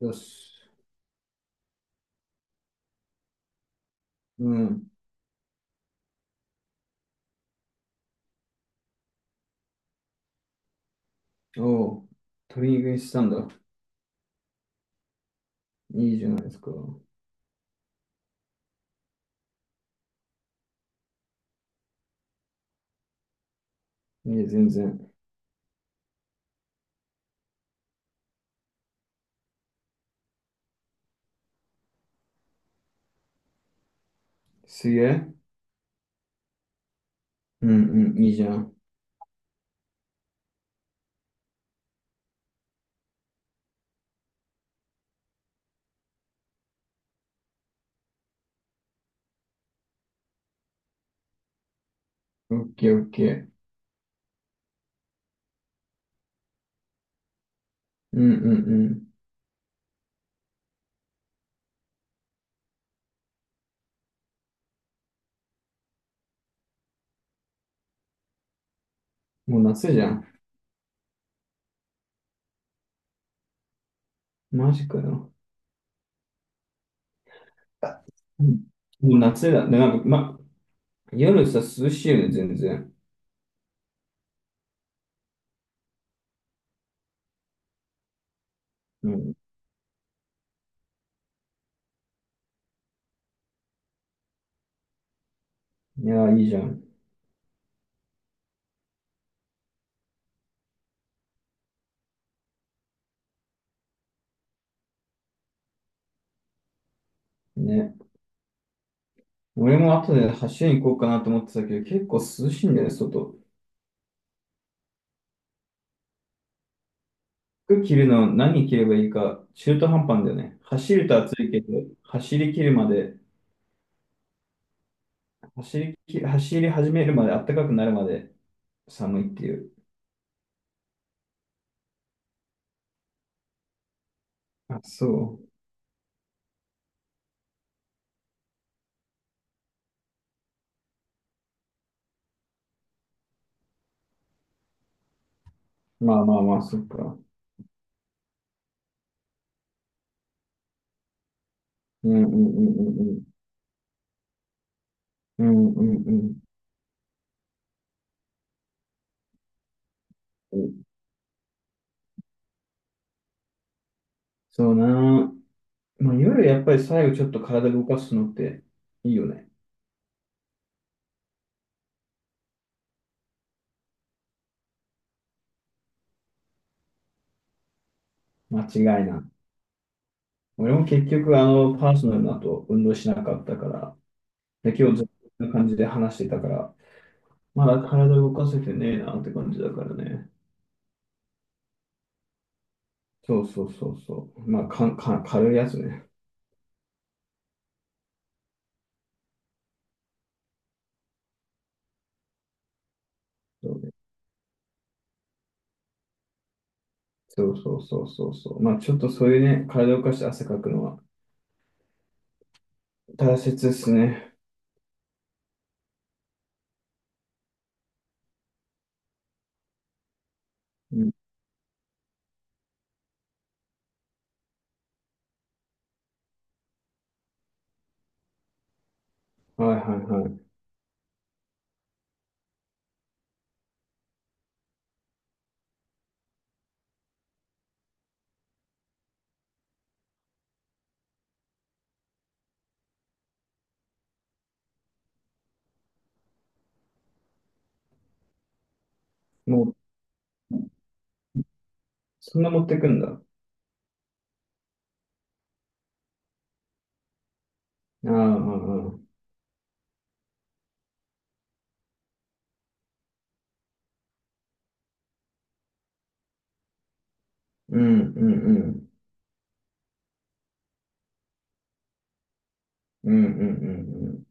よし。うん。おう。鶏肉にしたんだ。いいじゃないですか。いい全然。すげえ。うんうん、いいじゃん。オッケーオッケー。うんうんうん。もう夏じゃん。マジかよ。あ、うん、もう夏だ。で、なんか、ま、夜さ、涼しいよね、全然。うん。いや、いいじゃん。ね。俺も後で走りに行こうかなと思ってたけど、結構涼しいんだよね、外。服着るの何着ればいいか、中途半端なんだよね。走ると暑いけど、走り切るまで走り始めるまで、暖かくなるまで寒いっていう。あ、そう。まあまあまあ、そっか。うんうんうんうんうん。うんうんうん。そうな。まあ、夜やっぱり最後ちょっと体動かすのっていいよね。間違いない。俺も結局、パーソナルの後、運動しなかったから、で、今日ずっとこんな感じで話してたから、まだ体動かせてねえなって感じだからね。そうそうそうそう。まあ、かん、かん、軽いやつね。そうね。そうそうそうそうそう。まあちょっとそういうね、体を動かして汗かくのは大切ですね。うん。はいはいはい。もう、そんな持ってくんだ。ああ、ああ、ああ、うんうんうん。うんうんうんうん。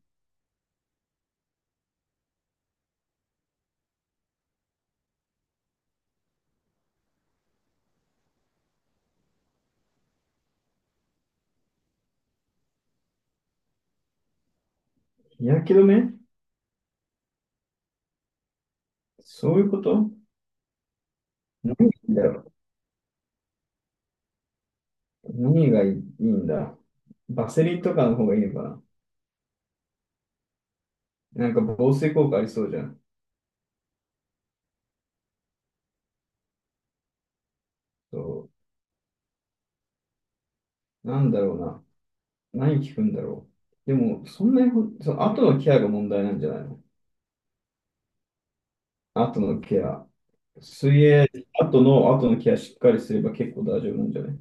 日焼け止め。そういうこと。何がいいんだろう。何がいいんだ。バセリンとかの方がいいのかな。なんか防水効果ありそうじゃん。そう。なんだろうな。何効くんだろう。でも、そんなにその後のケアが問題なんじゃないの？後のケア。水泳、後のケアしっかりすれば結構大丈夫なんじゃない？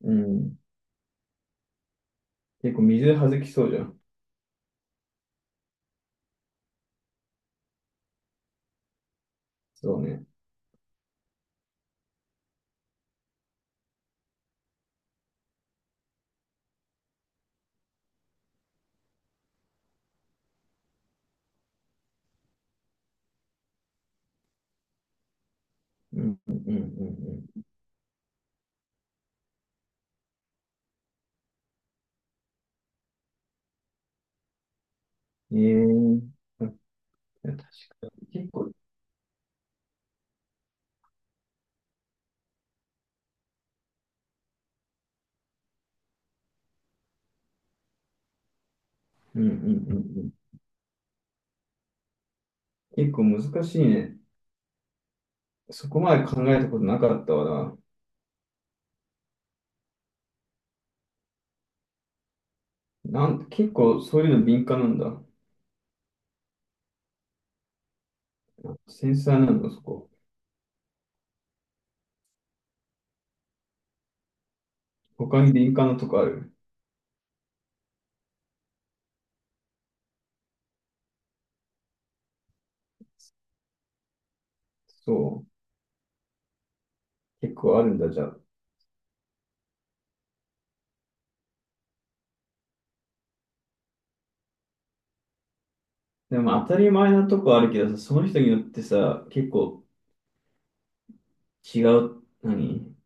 うん。結構水はずきそうじゃん。そうね。うん、うん、うん、うん。ええー。確かに結構、うん、うん、うん。うん、結構難しいね。そこまで考えたことなかったわな。結構そういうの敏感なんだ。繊細なんだ、そこ。他に敏感なとこある？そう。結構あるんだ、じゃあ。でも当たり前なとこあるけどさ、その人によってさ、結構違う、何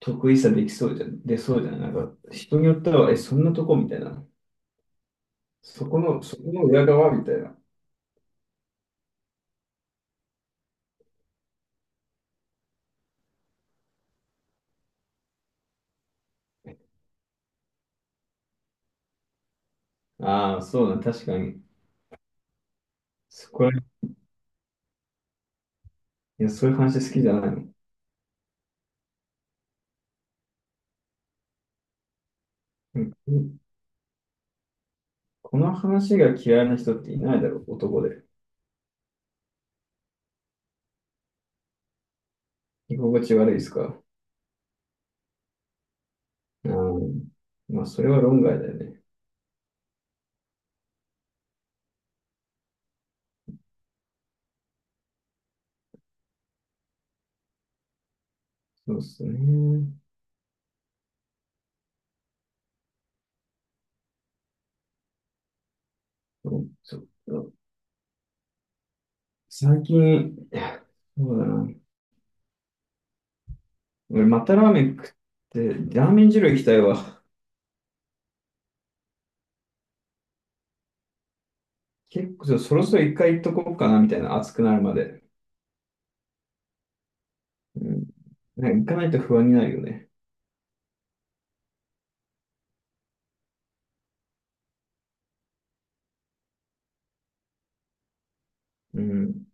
得意さできそうじゃ出そうじゃないなんか、人によっては、え、そんなとこみたいな。そこの、裏側みたいな。ああ、そうだ、確かに。そこら、いや、そういう話好きじゃないの。うん、この話が嫌いな人っていないだろう、男で。居心地悪いですか？うん、まあ、それは論外だよね。そうですね。そうそうそう。最近、そうだな。俺、またラーメン食って、ラーメン二郎行きたいわ。結構そろそろ一回行っとこうかなみたいな、暑くなるまで。うん。なんか行かないと不安になるよね。うん。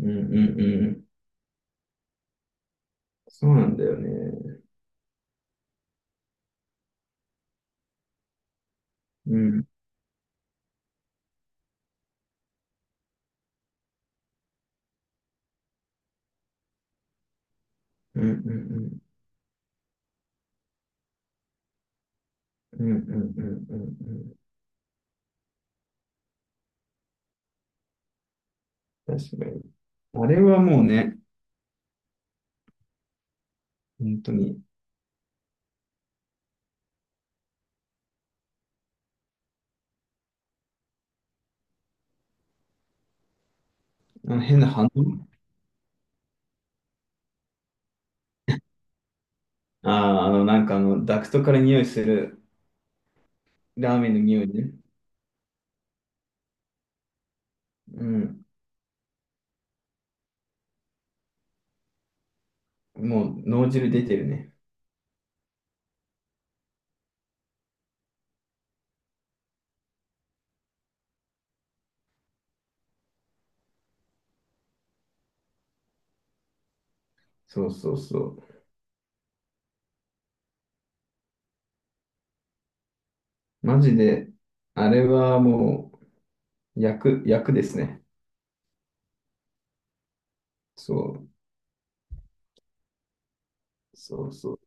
うんうんうん。そうなんだよね。うん。うんうんうん。うんうんうんうんうん。確かに。あれはもうね、本当に、あの変な反応。ああ、なんかダクトから匂いするラーメンの匂いね。うん。もう脳汁出てるね。そうそうそう。マジで、あれはもう、薬薬ですね。そう。そうそう。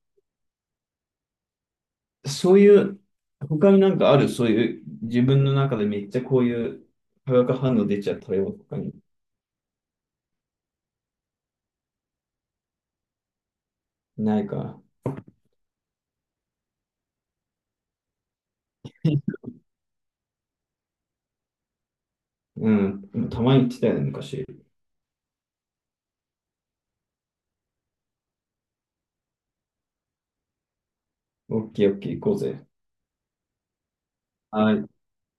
そういう、他になんかある、そういう、自分の中でめっちゃこういう化学反応出ちゃったよとかに。ないか。うん。たまに言ってたよね、昔。オッケーオッケー行こうぜ。はい。